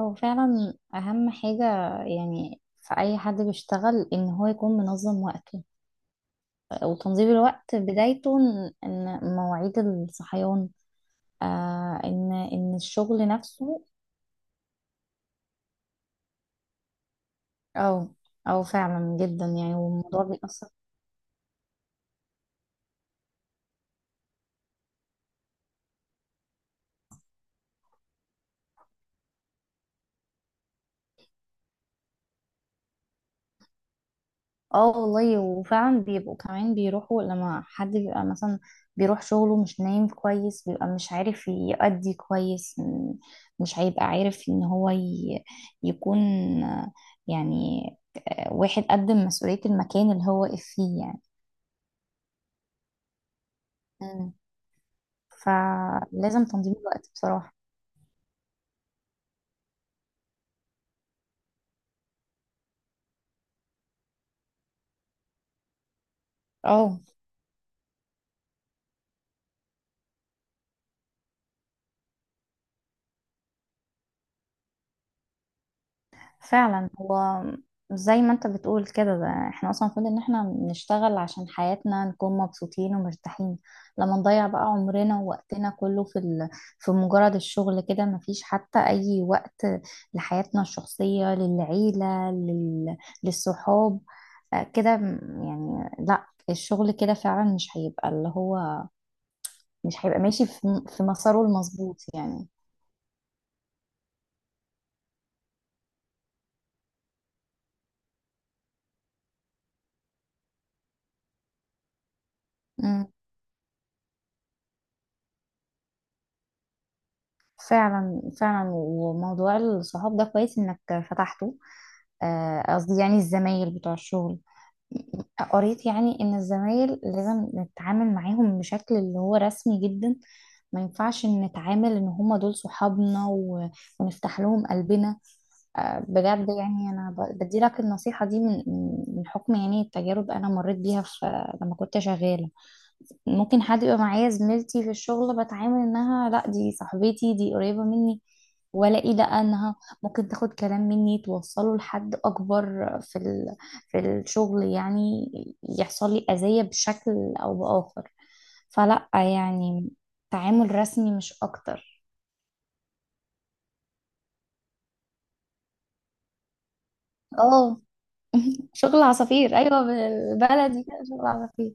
هو فعلا أهم حاجة يعني في أي حد بيشتغل إن هو يكون منظم وقته، وتنظيم الوقت بدايته إن مواعيد الصحيان، إن الشغل نفسه. أو أو فعلا جدا يعني، والموضوع بيأثر. اه والله، وفعلا بيبقوا كمان بيروحوا لما حد بيبقى مثلا بيروح شغله مش نايم كويس، بيبقى مش عارف يأدي كويس. مش هيبقى عارف يكون آه، يعني واحد قدم مسؤولية المكان اللي هو واقف فيه يعني. مم. فلازم تنظيم الوقت بصراحة. اه فعلا، هو زي ما انت بتقول كده، ده احنا اصلا المفروض ان احنا نشتغل عشان حياتنا نكون مبسوطين ومرتاحين. لما نضيع بقى عمرنا ووقتنا كله في في مجرد الشغل كده، مفيش حتى اي وقت لحياتنا الشخصية، للعيلة، للصحاب. كده يعني لا الشغل كده فعلا مش هيبقى اللي هو مش هيبقى ماشي في مساره المظبوط يعني. فعلا فعلا، وموضوع الصحاب ده كويس انك فتحته. قصدي يعني الزمايل بتوع الشغل. قريت يعني ان الزمايل لازم نتعامل معاهم بشكل اللي هو رسمي جدا، ما ينفعش إن نتعامل ان هما دول صحابنا ونفتح لهم قلبنا. بجد يعني انا بديلك النصيحة دي من حكم يعني التجارب انا مريت بيها في لما كنت شغالة. ممكن حد يبقى معايا زميلتي في الشغل، بتعامل انها لا دي صاحبتي، دي قريبة مني، والاقي لا، انها ممكن تاخد كلام مني توصله لحد اكبر في في الشغل يعني، يحصل لي اذية بشكل او باخر. فلا يعني، تعامل رسمي مش اكتر. اه شغل عصافير، ايوه بالبلدي كده شغل عصافير.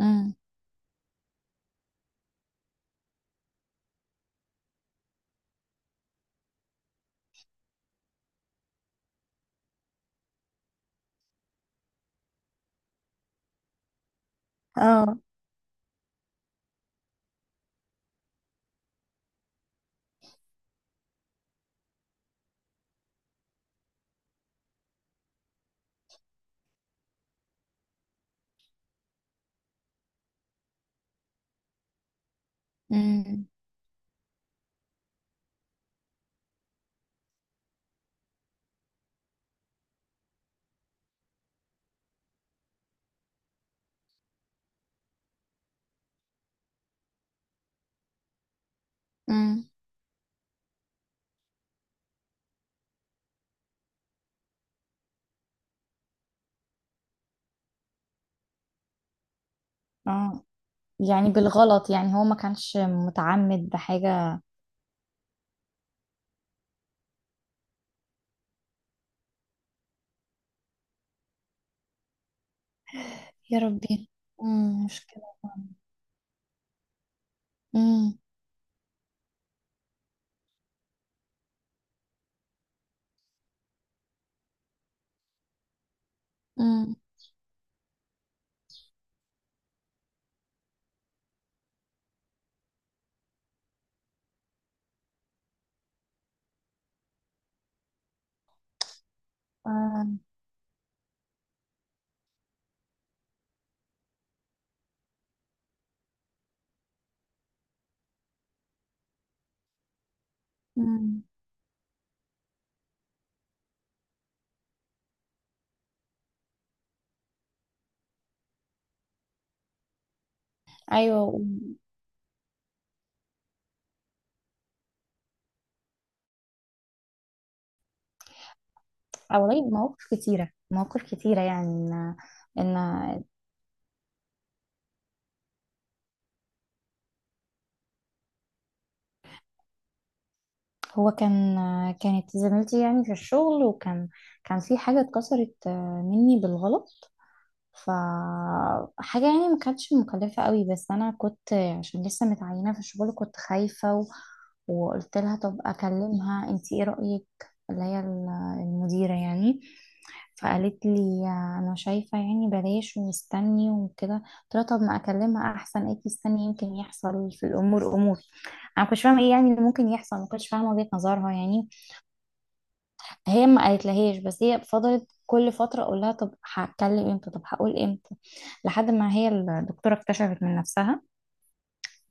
امم. اه. امم. امم. اه يعني بالغلط، يعني هو ما كانش متعمد بحاجة. يا ربي، امم، مشكلة. امم. امم. آه. امم. ايوه آه والله، مواقف كتيرة مواقف كتيرة يعني ان ان هو كان، كانت زميلتي يعني في الشغل، وكان كان في حاجة اتكسرت مني بالغلط. فحاجة يعني ما كانتش مكلفة قوي، بس أنا كنت عشان لسه متعينة في الشغل كنت خايفة وقلت لها طب أكلمها، أنتي إيه رأيك؟ اللي هي المديرة يعني. فقالت لي أنا شايفة يعني بلاش ومستني وكده. قلت لها طب ما أكلمها أحسن، أكيد استني يمكن يحصل في الأمور أمور. أنا ما كنتش فاهمة إيه يعني اللي ممكن يحصل، ما كنتش فاهمة وجهة نظرها يعني. هي ما قالتلهاش، بس هي فضلت كل فترة اقول لها طب هتكلم امتى، طب هقول امتى، لحد ما هي الدكتورة اكتشفت من نفسها،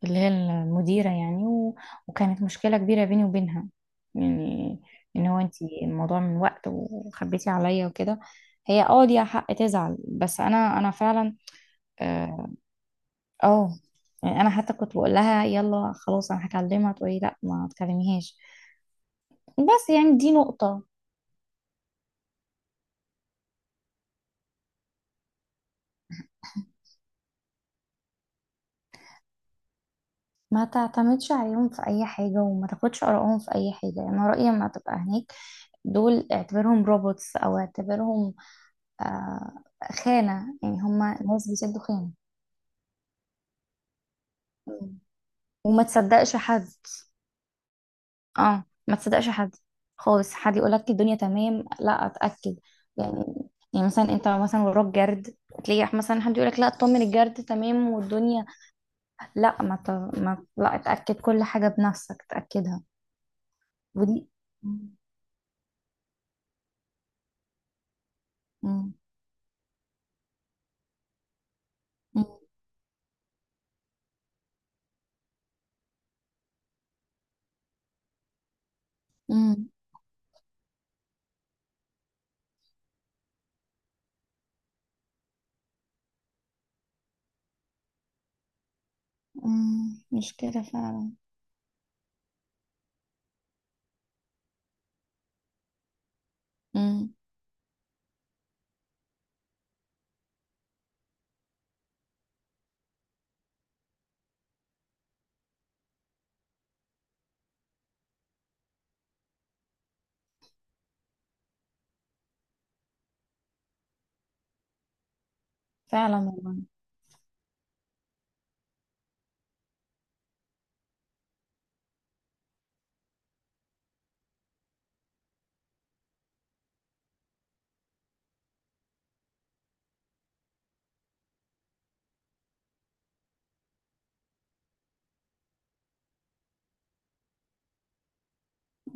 اللي هي المديرة يعني وكانت مشكلة كبيرة بيني وبينها. يعني ان هو انتي الموضوع من وقت وخبيتي عليا وكده. هي اه ليها حق تزعل، بس انا انا فعلا. اه. آه. يعني انا حتى كنت بقول لها يلا خلاص انا هكلمها، تقولي لا ما تكلميهاش. بس يعني دي نقطة. ما تعتمدش عليهم في اي حاجة، وما تاخدش آرائهم في اي حاجة. يعني انا رأيي لما تبقى هناك، دول اعتبرهم روبوتس او اعتبرهم آه خانة، يعني هما ناس بيسدوا خانة. مم. وما تصدقش حد. اه ما تصدقش حد خالص. حد يقولك الدنيا تمام، لا اتأكد يعني. يعني مثلا انت مثلا وراك جرد، تلاقي مثلا حد يقولك لا اطمن الجرد تمام والدنيا، لا ما لا، اتأكد كل حاجة بنفسك تأكدها. ودي مم. مم. امم. مشكلة فعلا. امم. فعلا والله.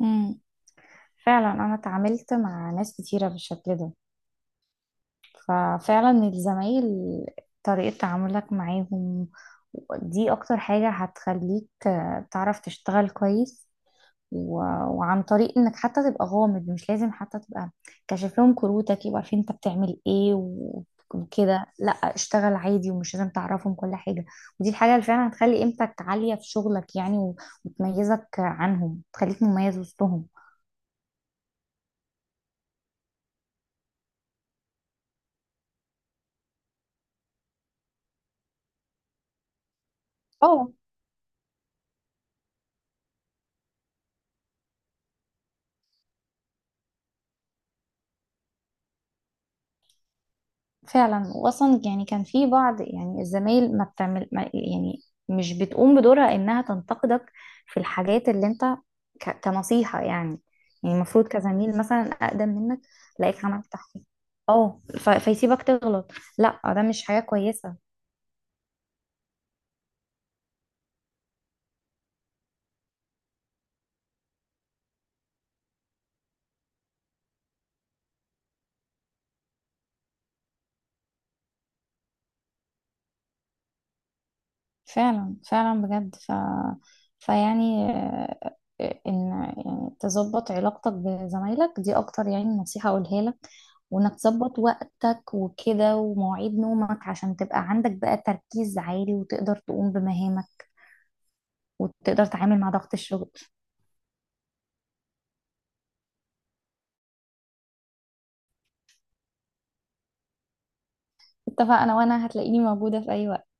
امم. فعلا انا اتعاملت مع ناس كتيرة بالشكل ده. ففعلا الزمايل، طريقة تعاملك معاهم دي اكتر حاجة هتخليك تعرف تشتغل كويس و- وعن طريق انك حتى تبقى غامض، مش لازم حتى تبقى كاشف لهم كروتك يبقى عارفين انت بتعمل ايه وكده. لا اشتغل عادي، ومش لازم تعرفهم كل حاجة. ودي الحاجة اللي فعلا هتخلي قيمتك عالية في شغلك يعني وتميزك عنهم، تخليك مميز وسطهم. اه فعلا، واصلا يعني كان في بعض يعني الزمايل ما بتعمل ما يعني، مش بتقوم بدورها انها تنتقدك في الحاجات اللي انت، كنصيحة يعني. يعني المفروض كزميل مثلا اقدم منك، لاقيك عملت تحقيق، اه فيسيبك تغلط. لا ده مش حاجة كويسة. فعلا فعلا بجد، ف... فيعني آه، آه، ان يعني تظبط علاقتك بزمايلك دي اكتر يعني نصيحة اقولها لك، وانك تظبط وقتك وكده ومواعيد نومك عشان تبقى عندك بقى تركيز عالي، وتقدر تقوم بمهامك، وتقدر تعامل مع ضغط الشغل. اتفقنا، وانا هتلاقيني موجودة في اي وقت.